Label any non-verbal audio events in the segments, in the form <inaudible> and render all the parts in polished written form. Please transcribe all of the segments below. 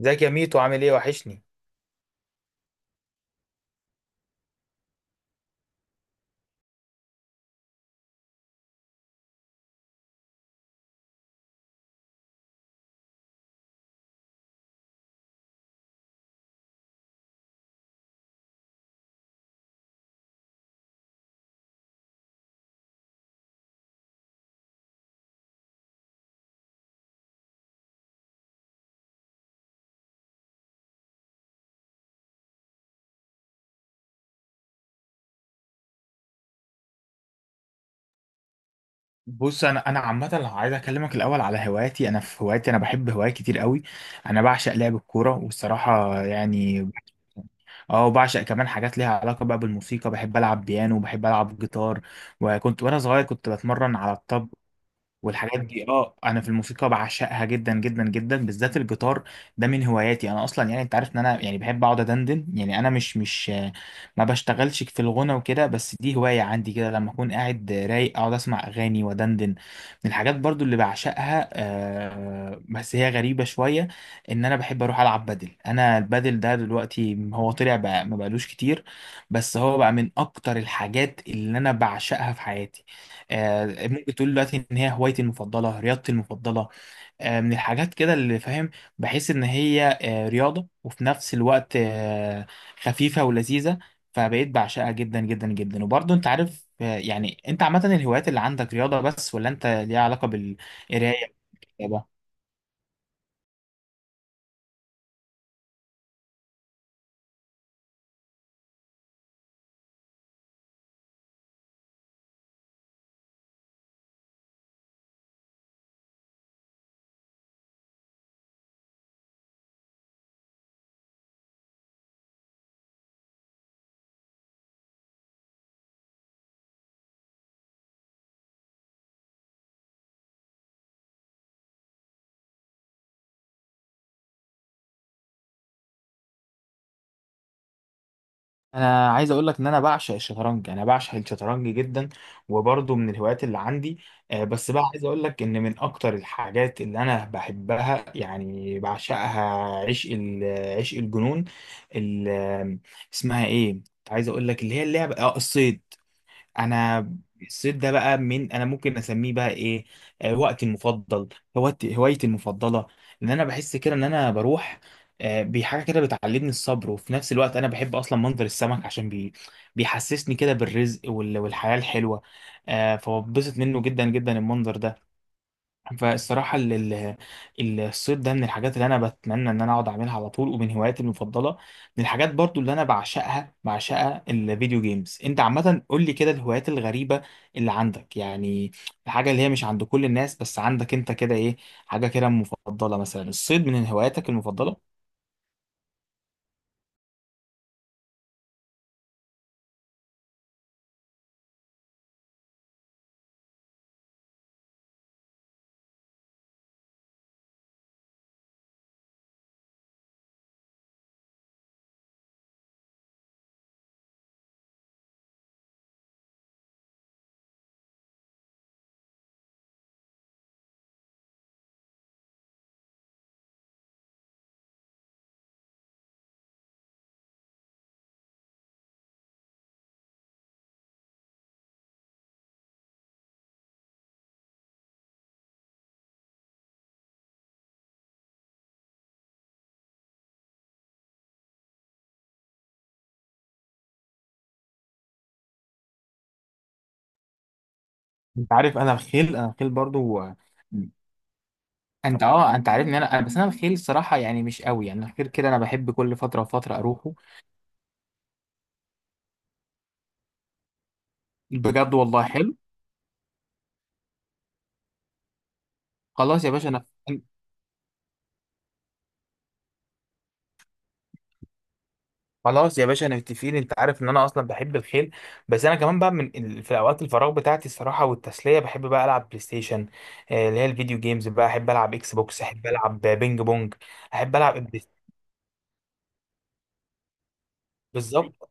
ازيك يا ميتو عامل ايه؟ وحشني. بص انا عامه عايز اكلمك الاول على هواياتي. انا في هواياتي انا بحب هوايات كتير قوي. انا بعشق لعب الكوره والصراحه يعني. اه وبعشق كمان حاجات ليها علاقه بقى بالموسيقى، بحب العب بيانو، بحب العب جيتار. وكنت وانا صغير كنت بتمرن على الطبل. والحاجات دي اه انا في الموسيقى بعشقها جدا جدا جدا، بالذات الجيتار. ده من هواياتي انا اصلا. يعني انت عارف ان انا يعني بحب اقعد ادندن. يعني انا مش ما بشتغلش في الغنى وكده، بس دي هواية عندي كده. لما اكون قاعد رايق اقعد اسمع اغاني ودندن. من الحاجات برضو اللي بعشقها بس هي غريبة شوية، ان انا بحب اروح العب بدل. انا البدل ده دلوقتي هو طلع بقى ما بقالوش كتير، بس هو بقى من اكتر الحاجات اللي انا بعشقها في حياتي. ممكن تقول دلوقتي ان هي هوايتي المفضله، رياضتي المفضله. من الحاجات كده اللي فاهم. بحس ان هي رياضه، وفي نفس الوقت خفيفه ولذيذه. فبقيت بعشقها جدا جدا جدا. وبرضه انت عارف يعني انت عامه الهوايات اللي عندك رياضه بس، ولا انت ليها علاقه بالقرايه والكتابة؟ انا عايز اقول لك ان انا بعشق الشطرنج، يعني انا بعشق الشطرنج جدا، وبرضه من الهوايات اللي عندي. بس بقى عايز اقول لك ان من اكتر الحاجات اللي انا بحبها يعني بعشقها، عشق عشق الجنون. ال- اسمها ايه؟ عايز اقول لك اللي هي اللعبه اه الصيد. انا الصيف ده بقى من انا ممكن اسميه بقى ايه، وقتي المفضل، هوايتي المفضله. ان انا بحس كده ان انا بروح بحاجه كده بتعلمني الصبر، وفي نفس الوقت انا بحب اصلا منظر السمك، عشان بيحسسني كده بالرزق والحياه الحلوه. فببسط منه جدا جدا المنظر ده. فالصراحة الصيد ده من الحاجات اللي أنا بتمنى إن أنا أقعد أعملها على طول، ومن هواياتي المفضلة. من الحاجات برضو اللي أنا بعشقها الفيديو جيمز. أنت عامة قول لي كده الهوايات الغريبة اللي عندك، يعني الحاجة اللي هي مش عند كل الناس بس عندك أنت كده إيه؟ حاجة كده مفضلة، مثلا الصيد من هواياتك المفضلة؟ أنت عارف أنا الخيل، أنا الخيل برضو. أنت أه أنت عارف إن بس أنا الخيل الصراحة يعني مش قوي، يعني الخيل كده أنا بحب كل فترة وفترة أروحه. بجد والله حلو. خلاص يا باشا أنا. خلاص يا باشا متفقين. انت عارف ان انا اصلا بحب الخيل، بس انا كمان بقى من في اوقات الفراغ بتاعتي الصراحه والتسليه بحب بقى العب بلاي ستيشن. اللي هي الفيديو جيمز بقى، احب العب اكس بوكس، احب العب بينج بونج، احب العب البلاي- بالظبط.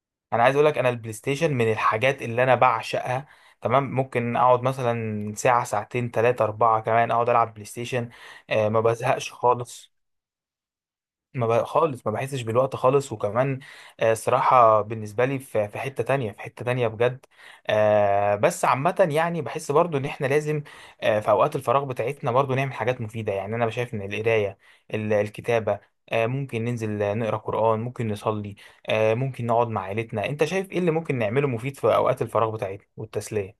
<laughs> انا عايز اقول لك انا البلاي ستيشن من الحاجات اللي انا بعشقها. تمام، ممكن اقعد مثلا ساعه ساعتين ثلاثه اربعه كمان اقعد العب بلاي ستيشن. ما بزهقش خالص. ما بقى خالص، ما بحسش بالوقت خالص، وكمان الصراحة بالنسبة لي في في حتة تانية، في حتة تانية بجد. بس عامة يعني بحس برضو ان احنا لازم في اوقات الفراغ بتاعتنا برضو نعمل حاجات مفيدة. يعني انا شايف ان القراية، الكتابة، ممكن ننزل نقرا قرآن، ممكن نصلي، ممكن نقعد مع عيلتنا. انت شايف ايه اللي ممكن نعمله مفيد في اوقات الفراغ بتاعتنا والتسلية؟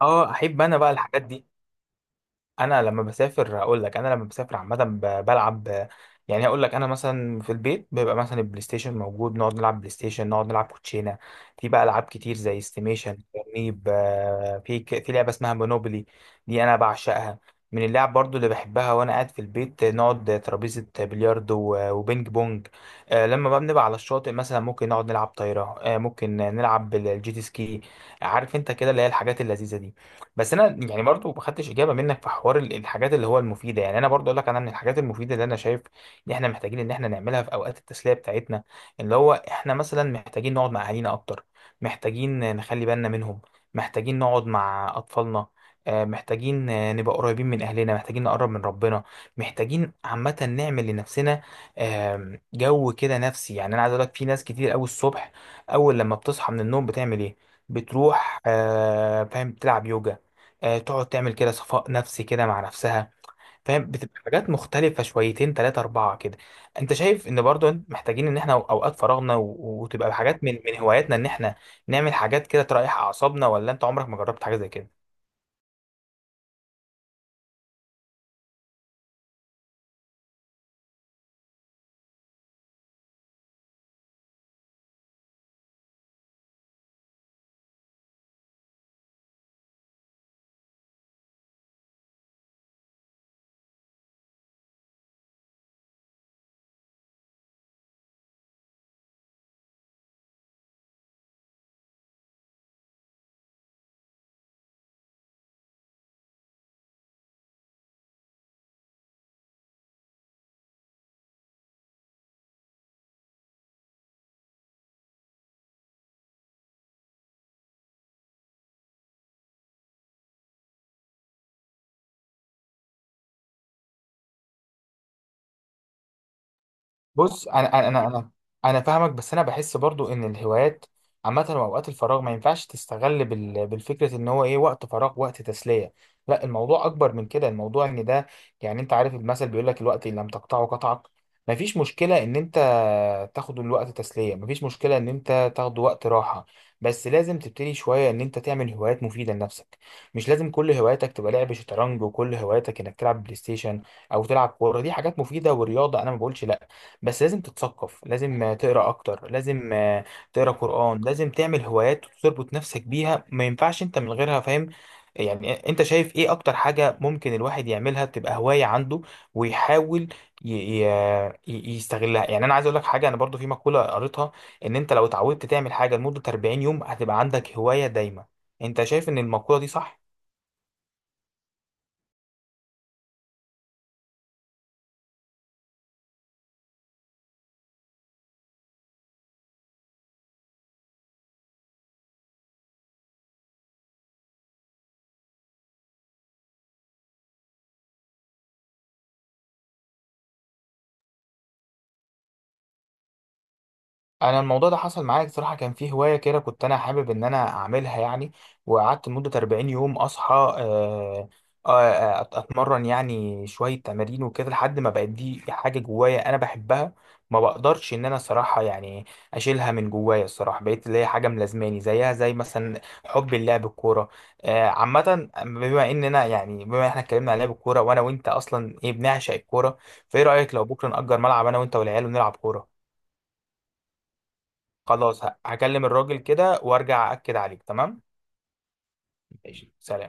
اه احب انا بقى الحاجات دي. انا لما بسافر اقول لك، انا لما بسافر عامه بلعب. يعني اقول لك انا مثلا في البيت بيبقى مثلا البلاي ستيشن موجود، نقعد نلعب بلاي ستيشن، نقعد نلعب كوتشينه. في بقى العاب كتير زي استيميشن ترنيب، في في لعبه اسمها مونوبولي، دي انا بعشقها، من اللعب برضو اللي بحبها وانا قاعد في البيت. نقعد ترابيزه بلياردو وبينج بونج. لما بقى بنبقى على الشاطئ مثلا ممكن نقعد نلعب طايره، ممكن نلعب الجيت سكي. عارف انت كده اللي هي الحاجات اللذيذه دي. بس انا يعني برضو ما خدتش اجابه منك في حوار الحاجات اللي هو المفيده. يعني انا برضو اقول لك انا من الحاجات المفيده اللي انا شايف ان احنا محتاجين ان احنا نعملها في اوقات التسليه بتاعتنا، اللي هو احنا مثلا محتاجين نقعد مع اهالينا اكتر، محتاجين نخلي بالنا منهم، محتاجين نقعد مع اطفالنا، محتاجين نبقى قريبين من اهلنا، محتاجين نقرب من ربنا، محتاجين عامه نعمل لنفسنا جو كده نفسي. يعني انا عايز اقول لك في ناس كتير قوي الصبح اول لما بتصحى من النوم بتعمل ايه؟ بتروح فاهم تلعب يوجا، تقعد تعمل كده صفاء نفسي كده مع نفسها. فاهم، بتبقى حاجات مختلفة شويتين تلاتة أربعة كده. أنت شايف إن برضو محتاجين إن إحنا أوقات فراغنا وتبقى حاجات من هواياتنا، إن إحنا نعمل حاجات كده تريح أعصابنا؟ ولا أنت عمرك ما جربت حاجة زي كده؟ بص انا فاهمك، بس انا بحس برضو ان الهوايات عامه واوقات الفراغ ما ينفعش تستغل بالفكره ان هو ايه وقت فراغ وقت تسليه. لا، الموضوع اكبر من كده، الموضوع ان ده، يعني انت عارف المثل بيقول لك الوقت اللي لم تقطعه قطعك. ما فيش مشكله ان انت تاخد الوقت تسليه، ما فيش مشكله ان انت تاخد وقت راحه، بس لازم تبتدي شويه ان انت تعمل هوايات مفيده لنفسك. مش لازم كل هواياتك تبقى لعب شطرنج، وكل هواياتك انك تلعب بلاي ستيشن او تلعب كوره. دي حاجات مفيده ورياضه انا ما بقولش لا، بس لازم تتثقف، لازم تقرا اكتر، لازم تقرا قرآن، لازم تعمل هوايات تربط نفسك بيها. ما ينفعش انت من غيرها، فاهم؟ يعني انت شايف ايه اكتر حاجة ممكن الواحد يعملها تبقى هواية عنده ويحاول ي- ي- يستغلها؟ يعني انا عايز اقول لك حاجة، انا برضو في مقولة قريتها ان انت لو اتعودت تعمل حاجة لمدة 40 يوم هتبقى عندك هواية دايمة. انت شايف ان المقولة دي صح؟ انا الموضوع ده حصل معايا بصراحه. كان في هوايه كده كنت انا حابب ان انا اعملها يعني، وقعدت لمده 40 يوم اصحى، اتمرن يعني شويه تمارين وكده، لحد ما بقت دي حاجه جوايا انا بحبها، ما بقدرش ان انا صراحه يعني اشيلها من جوايا الصراحه. بقيت اللي هي حاجه ملازماني، زيها زي مثلا حب اللعب الكوره. عامه بما اننا يعني بما احنا اتكلمنا عن لعب الكوره، وانا وانت اصلا ايه بنعشق الكوره، فايه رايك لو بكره نأجر ملعب انا وانت والعيال ونلعب كوره؟ خلاص هكلم الراجل كده وارجع اكد عليك، تمام؟ ماشي، سلام.